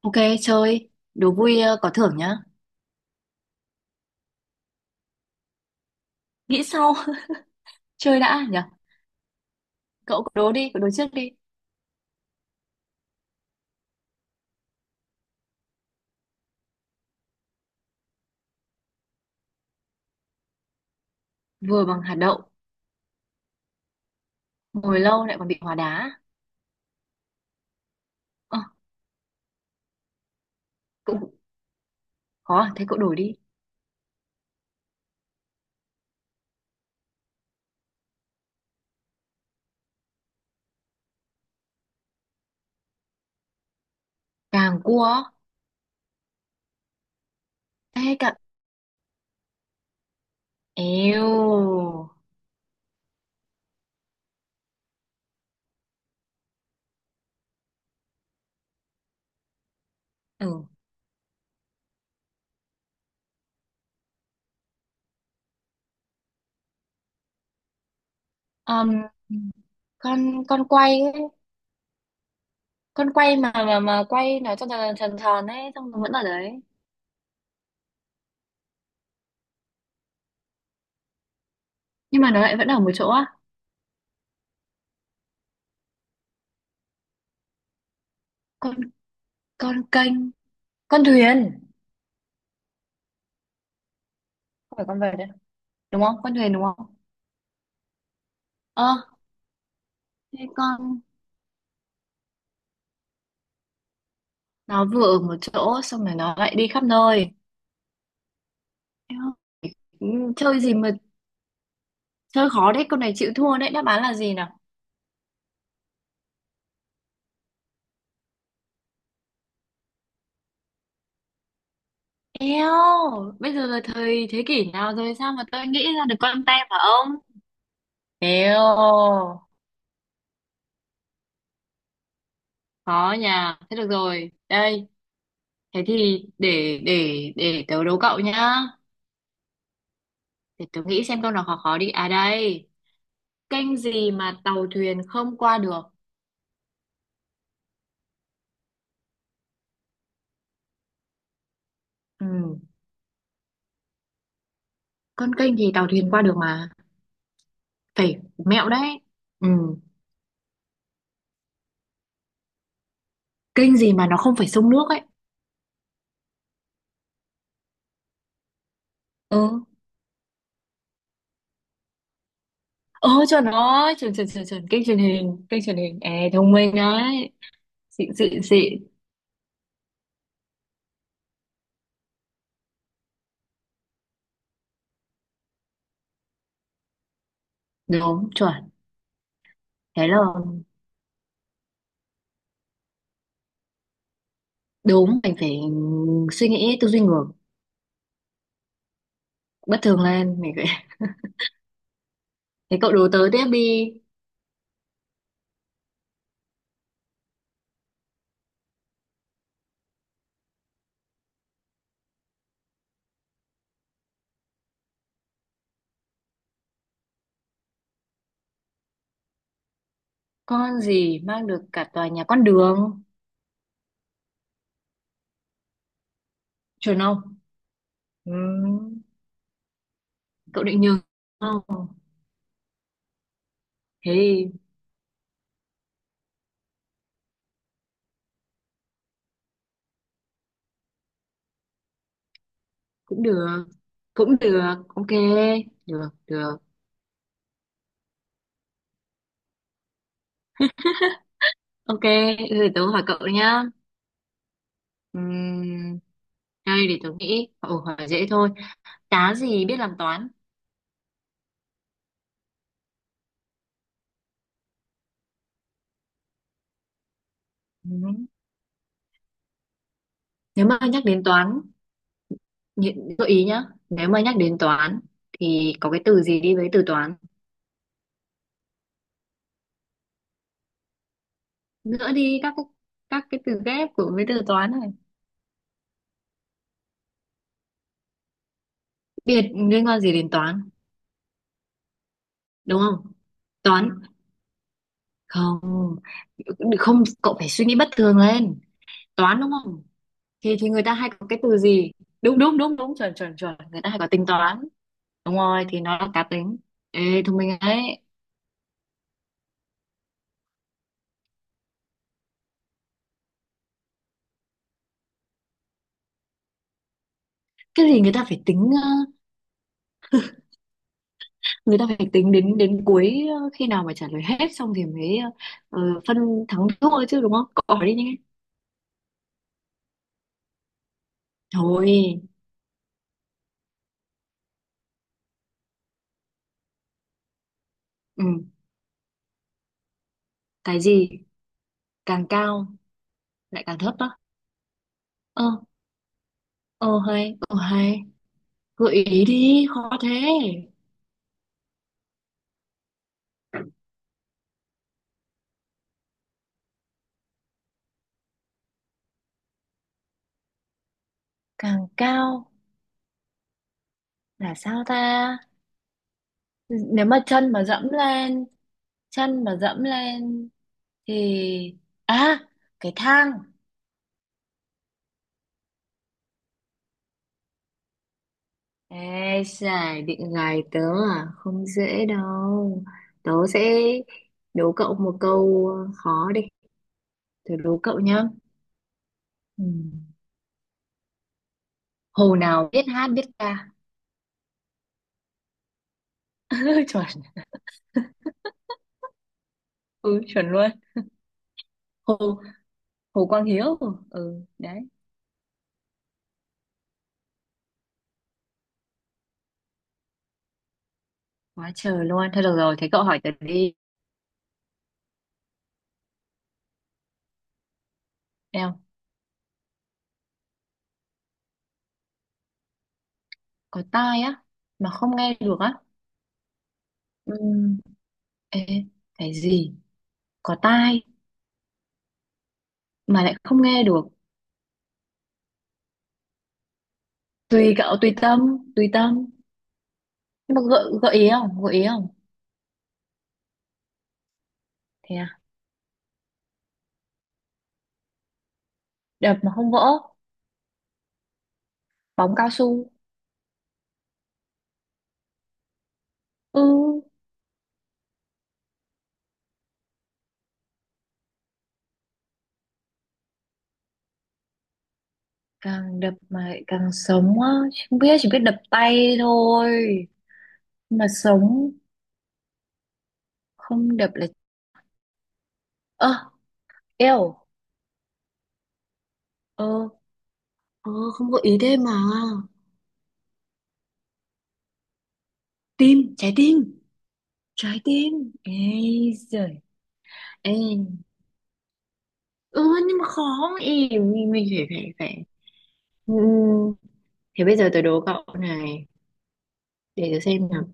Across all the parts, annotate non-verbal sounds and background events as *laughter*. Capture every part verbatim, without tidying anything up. Ok, chơi. Đố vui ờ, có thưởng nhá. Nghĩ sau, *laughs* chơi đã nhỉ? Cậu cứ đố đi, cậu đố trước đi. Vừa bằng hạt đậu, ngồi lâu lại còn bị hóa đá. Ờ, cậu khó à? Thế cậu đổi đi. Càng cua, thế càng... Eo. Ừ. Ờm, con con quay ấy. Con quay mà mà mà quay nó cho tròn tròn tròn ấy, xong nó vẫn ở đấy. Nhưng mà nó lại vẫn ở một chỗ á. Con con kênh, con thuyền. Không phải con vợt đấy. Đúng không? Con thuyền đúng không? Ờ, thế con nó vừa ở một chỗ xong rồi nó lại đi khắp nơi. Eo, ừ, chơi gì mà chơi khó đấy, con này chịu thua đấy, đáp án là gì nào? Eo, bây giờ là thời thế kỷ nào rồi sao mà tôi nghĩ ra được con tem hả ông? Eo, khó nhà thế. Được rồi đây. Thế thì để để để tớ đố cậu nhá. Để tớ nghĩ xem câu nào khó khó đi. À đây. Kênh gì mà tàu thuyền không qua được? Ừ, con kênh thì tàu thuyền qua được mà. Phải mẹo đấy. Ừ, kênh gì mà nó không phải sông nước ấy. Ừ. Ờ, cho nó chuẩn chuẩn chuẩn chuẩn. Kênh truyền hình, kênh truyền hình. Ê, thông minh đấy. Xịn xịn xịn. Đúng chuẩn. Thế là đúng, mình phải suy nghĩ tư duy ngược, bất thường lên. Mình phải *laughs* thế cậu đố tớ tiếp đi. Con gì mang được cả tòa nhà? Con đường. Chuẩn không? Ừ, cậu định nhường không? Thế thì cũng được, cũng được. Ok. Được được. Ok, thế thì tớ hỏi cậu nhá. Ừm, Đây để tôi nghĩ. Ồ, hỏi dễ thôi. Cá gì biết làm toán? Ừ. Nếu mà nhắc đến toán, nhị- gợi ý nhá. Nếu mà nhắc đến toán thì có cái từ gì đi với từ toán? Nữa đi các cái- các cái từ ghép của với từ toán này. Biệt liên quan gì đến toán? Đúng không? Toán không. Không, cậu phải suy nghĩ bất thường lên. Toán đúng không? Thì thì người ta hay có cái từ gì? Đúng đúng đúng đúng chuẩn chuẩn chuẩn. Người ta hay có tính toán. Đúng rồi thì nó là cá tính. Ê thông minh ấy. Cái gì người ta phải tính? Người ta phải tính đến đến cuối, ờ, khi nào mà trả lời hết xong thì mới, ờ, phân thắng thua chứ đúng không? Cậu hỏi đi nhé. Thôi. Ừ. Cái gì càng cao lại càng thấp á? Ờ, ờ hay, ờ hay. Gợi ý đi, khó thế. Càng cao là sao ta? Nếu mà chân mà dẫm lên, chân mà dẫm lên thì, à, cái thang. Ê, giải định gài tớ à? Không dễ đâu. Tớ sẽ đố cậu một câu khó đi. Tớ đố cậu nhá. Ừ. Hồ nào biết hát biết ca? *laughs* chuẩn. Ừ, chuẩn luôn. Hồ, Hồ Quang Hiếu. Ừ, đấy. Quá trời luôn. Thôi được rồi, thế cậu hỏi tớ đi. Nào, có tai á, mà không nghe được á. Ừ. Ê, cái gì? Có tai, mà lại không nghe được. Tùy cậu, tùy tâm, tùy tâm. Nhưng mà gợi, gợi ý không? Gợi ý không? Thế à? Đập mà không vỡ. Bóng cao su. Ừ. Càng đập mà lại càng sống á? Không biết, chỉ biết đập tay thôi. Nhưng mà sống, không đập là, ơ, eo, ơ. Ờ, không có ý thế mà. Tim, trái tim. Trái tim. Ê giời. Ê, ừ, nhưng mà khó ý. Mình, mình phải, phải, phải. Ừ. Thế bây giờ tôi đố cậu này. Để tôi xem nào.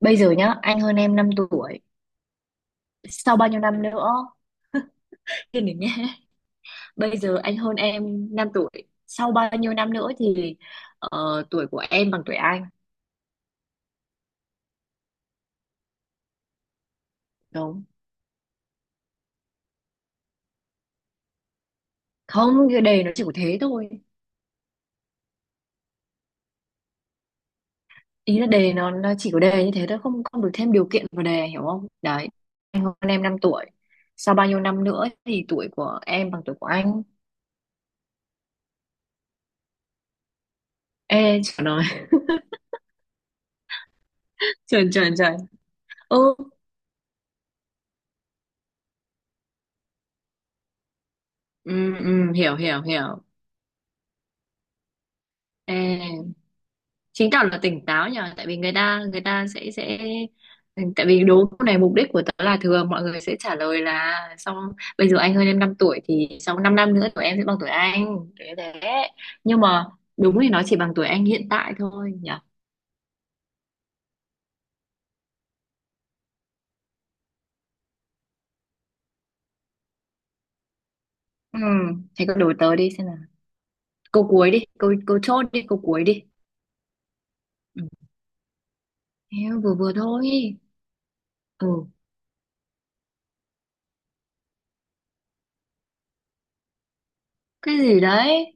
Bây giờ nhá, anh hơn em năm tuổi, sau bao nhiêu năm nữa. Thế nữa nhé. Bây giờ anh hơn em năm tuổi, sau bao nhiêu năm nữa thì, ờ, tuổi của em bằng tuổi anh? Đúng không, cái đề nó chỉ có thế thôi. Ý là đề nó, nó chỉ có đề như thế thôi, không không được thêm điều kiện vào đề, hiểu không đấy. Anh hơn em năm tuổi, sau bao nhiêu năm nữa thì tuổi của em bằng tuổi của anh? Ê trời ơi. *laughs* trời trời trời. Ừ, ừ, ừ. Hiểu hiểu hiểu. Ê, chứng tỏ là tỉnh táo nhờ, tại vì người ta người ta sẽ sẽ tại vì đố câu này mục đích của tớ là thường mọi người sẽ trả lời là sau, bây giờ anh hơn em năm tuổi thì sau 5 năm năm nữa tụi em sẽ bằng tuổi anh thế thế Nhưng mà đúng thì nó chỉ bằng tuổi anh hiện tại thôi nhỉ. Ừ, thế cứ đố tớ đi xem nào. Câu cuối đi, câu câu chốt đi, câu cuối đi. Ừ. Em vừa vừa thôi. Ừ, cái gì đấy.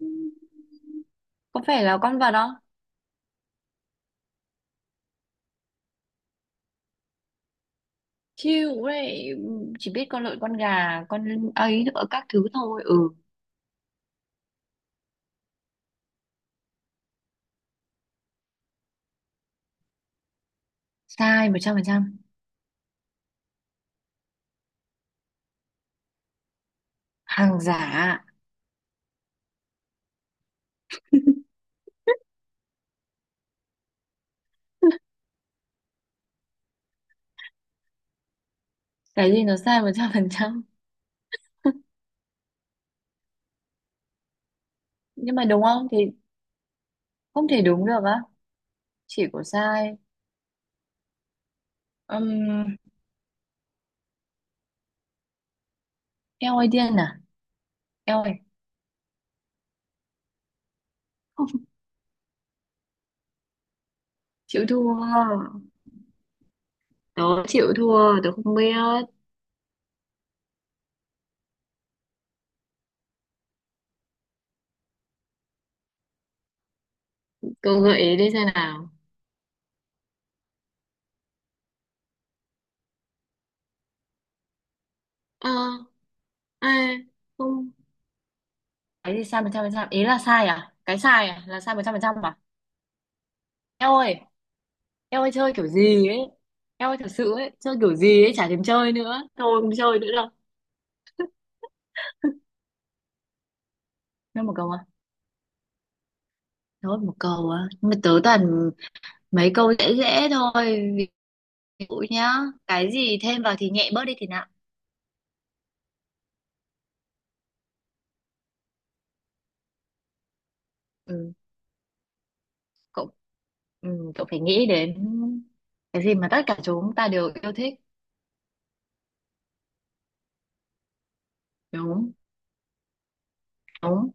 *laughs* có phải là con vật không? Chịu đấy, chỉ biết con lợn, con gà, con ấy nữa các thứ thôi. Ừ. Sai một trăm phần trăm. Hàng giả. Cái gì nó sai một trăm phần trăm, nhưng mà đúng không thì, không thể đúng được á? Chỉ có sai. um, Eo ơi điên à? Eo ơi, không. Chịu thua. Tớ chịu thua, tớ không biết. Cậu gợi ý đi xem nào. Ờ, à, không. Cái gì sai một trăm phần trăm ý là sai à? Cái sai à là sai một trăm phần trăm à? Eo ơi, em ơi chơi kiểu gì ấy. Em ơi thật sự ấy. Chơi kiểu gì ấy. Chả thèm chơi nữa. Thôi không chơi nữa đâu. Nói một câu à? Thôi một câu á. Nhưng mà tớ toàn mấy câu dễ dễ thôi. Ví dụ nhá. Cái gì thêm vào thì nhẹ, bớt đi thì nặng? Ừ, cậu. Ừ, cậu phải nghĩ đến. Cái gì mà tất cả chúng ta đều yêu thích. Đúng. Đúng.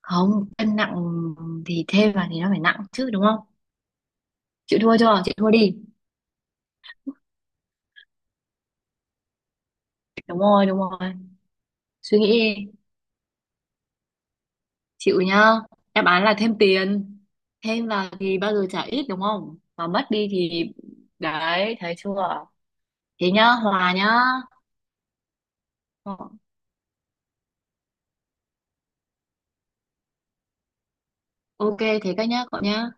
Không cân nặng thì thêm vào thì nó phải nặng chứ đúng không? Chịu thua chưa? Chịu thua đi. Đúng rồi đúng rồi. Suy nghĩ đi. Chịu nhá. Đáp án là thêm tiền. Thêm vào thì bao giờ trả ít đúng không, mà mất đi thì, đấy thấy chưa? Thế nhá, hòa nhá. Ờ, ok. Thế các nhá, cậu nhá.